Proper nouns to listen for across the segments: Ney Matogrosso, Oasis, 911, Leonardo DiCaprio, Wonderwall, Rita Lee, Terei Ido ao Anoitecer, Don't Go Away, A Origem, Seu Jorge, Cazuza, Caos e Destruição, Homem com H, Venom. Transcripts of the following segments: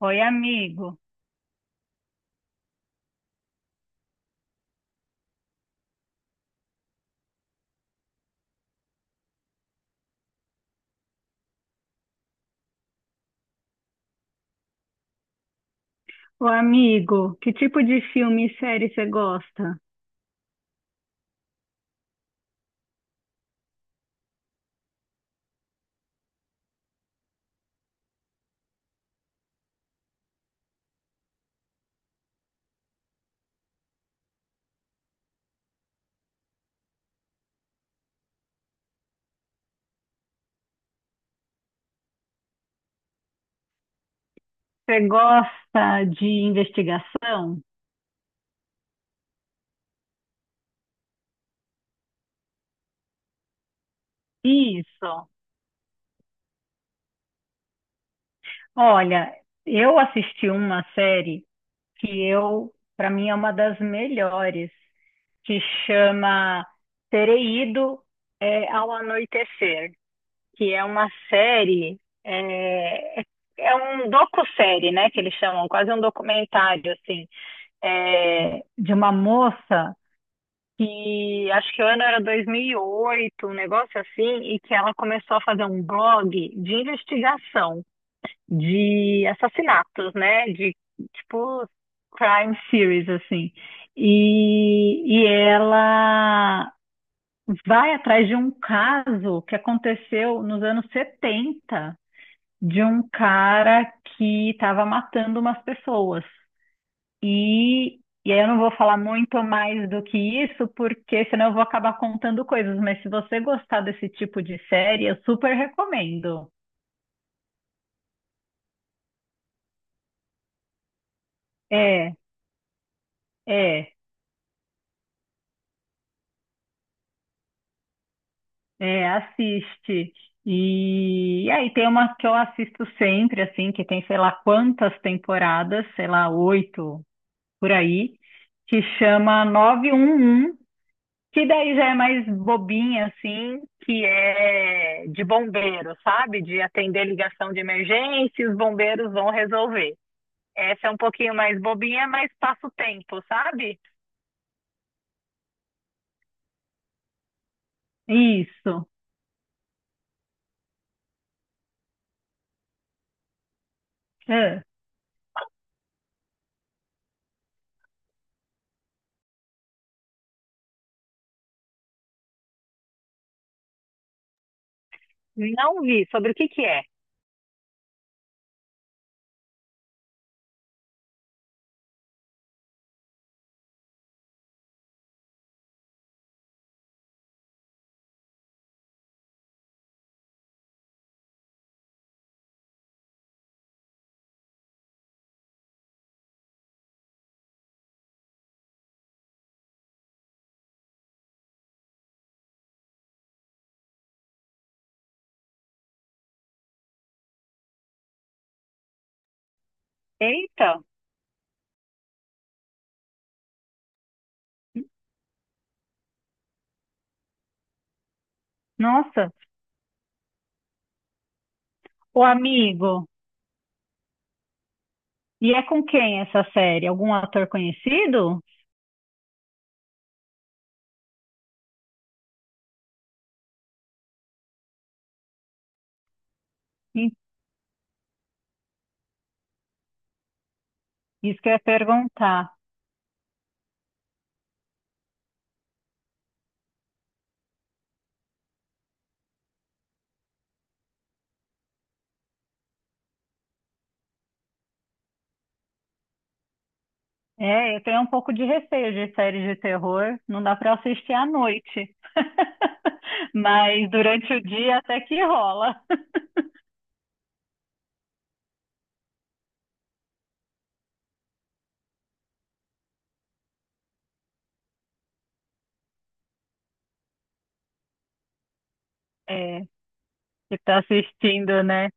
Oi, amigo. Ô, amigo, que tipo de filme e série você gosta? Você gosta de investigação? Isso. Olha, eu assisti uma série que eu, para mim, é uma das melhores, que chama Terei Ido ao Anoitecer, que é uma série, é um docu-série, né, que eles chamam, quase um documentário, assim, de uma moça que acho que o ano era 2008, um negócio assim, e que ela começou a fazer um blog de investigação de assassinatos, né? De tipo crime series assim. E ela vai atrás de um caso que aconteceu nos anos 70 de um cara que estava matando umas pessoas. E, e aí eu não vou falar muito mais do que isso, porque senão eu vou acabar contando coisas. Mas se você gostar desse tipo de série, eu super recomendo. É, é, é, assiste. E aí tem uma que eu assisto sempre, assim, que tem sei lá quantas temporadas, sei lá, oito por aí, que chama 911. Que daí já é mais bobinha, assim, que é de bombeiro, sabe? De atender ligação de emergência, e os bombeiros vão resolver. Essa é um pouquinho mais bobinha, mas passa o tempo, sabe? Isso. É. Não vi. Sobre o que que é? Eita. Nossa, o amigo. E é com quem essa série? Algum ator conhecido? Sim. Isso que eu ia perguntar. É, eu tenho um pouco de receio de séries de terror. Não dá para assistir à noite. Mas durante o dia até que rola. É, que tá assistindo, né?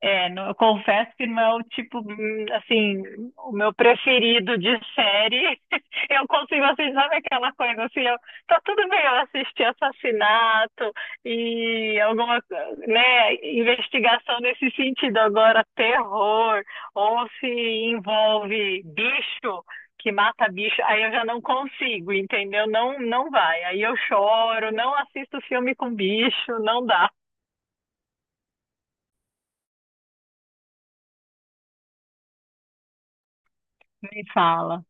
É, não- eu confesso que não é o tipo, assim, o meu preferido de série. Eu consigo assistir, sabe aquela coisa assim, eu, tá tudo bem eu assistir assassinato e né, investigação nesse sentido. Agora, terror, ou se envolve bicho, que mata bicho, aí eu já não consigo, entendeu? Não, não vai. Aí eu choro, não assisto filme com bicho, não dá. Me fala.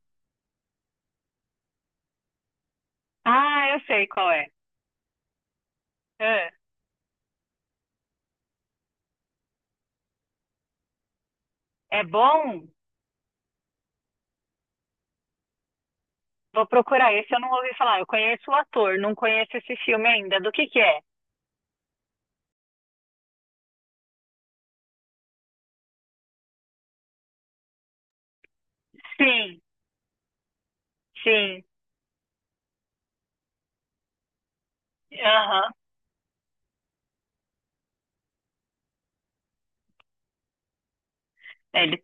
Ah, eu sei qual é. Ah, é bom? Vou procurar esse, eu não ouvi falar. Eu conheço o ator, não conheço esse filme ainda. Do que é? Sim, sim. Aham. Ele.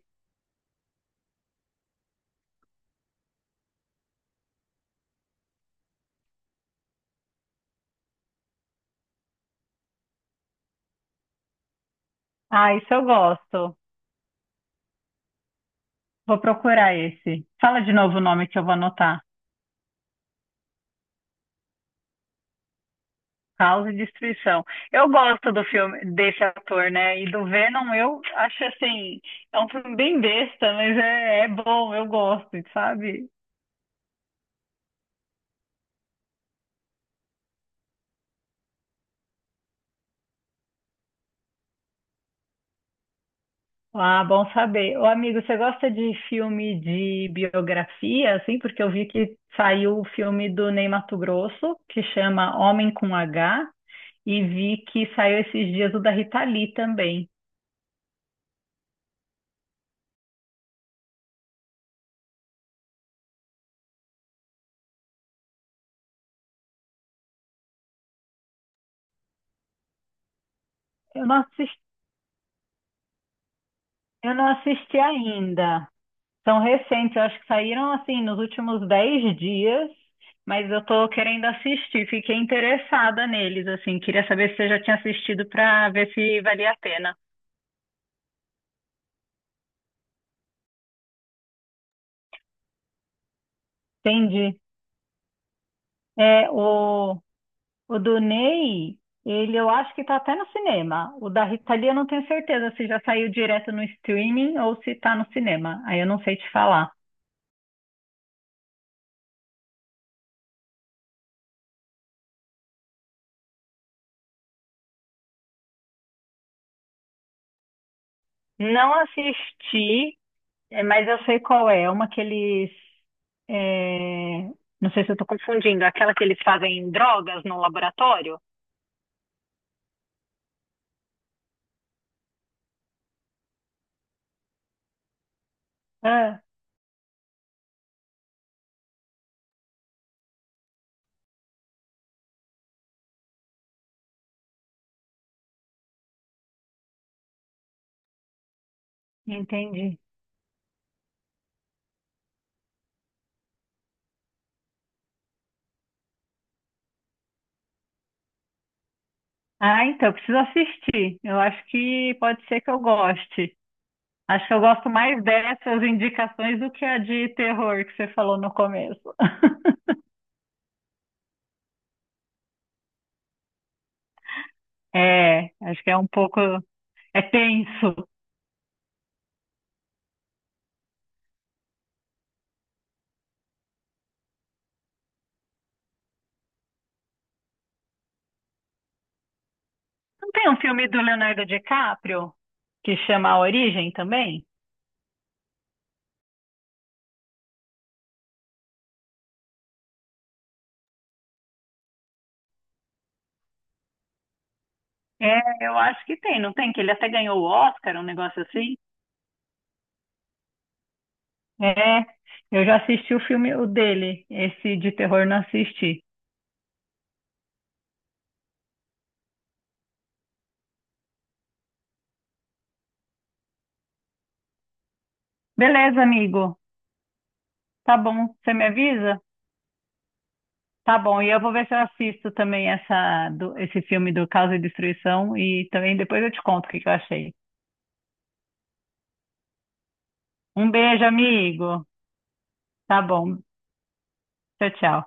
Ah, isso eu gosto. Vou procurar esse. Fala de novo o nome que eu vou anotar. Caos e Destruição. Eu gosto do filme desse ator, né? E do Venom eu acho assim, é um filme bem besta, mas é bom, eu gosto, sabe? Ah, bom saber. Ô, amigo, você gosta de filme de biografia, assim? Porque eu vi que saiu o filme do Ney Matogrosso, que chama Homem com H, e vi que saiu esses dias o da Rita Lee também. Eu não assisti, eu não assisti ainda. São recentes, eu acho que saíram, assim, nos últimos 10 dias, mas eu tô querendo assistir. Fiquei interessada neles, assim. Queria saber se você já tinha assistido para ver se valia a pena. Entendi. É, O do Ney, ele eu acho que tá até no cinema. O da Rita Lee eu não tenho certeza se já saiu direto no streaming ou se tá no cinema. Aí eu não sei te falar. Não assisti. É, mas eu sei qual é. É uma que eles. É, não sei se eu tô confundindo, aquela que eles fazem drogas no laboratório? Ah, entendi. Ah, então, eu preciso assistir. Eu acho que pode ser que eu goste. Acho que eu gosto mais dessas indicações do que a de terror que você falou no começo. É, acho que é um pouco. É tenso. Não tem um filme do Leonardo DiCaprio que chama A Origem também? É, eu acho que tem, não tem? Que ele até ganhou o Oscar, um negócio assim? É, eu já assisti o filme o dele, esse de terror não assisti. Beleza, amigo. Tá bom, você me avisa? Tá bom, e eu vou ver se eu assisto também essa, do- esse filme do Caos e Destruição e também depois eu te conto o que que eu achei. Um beijo, amigo. Tá bom. Tchau, tchau.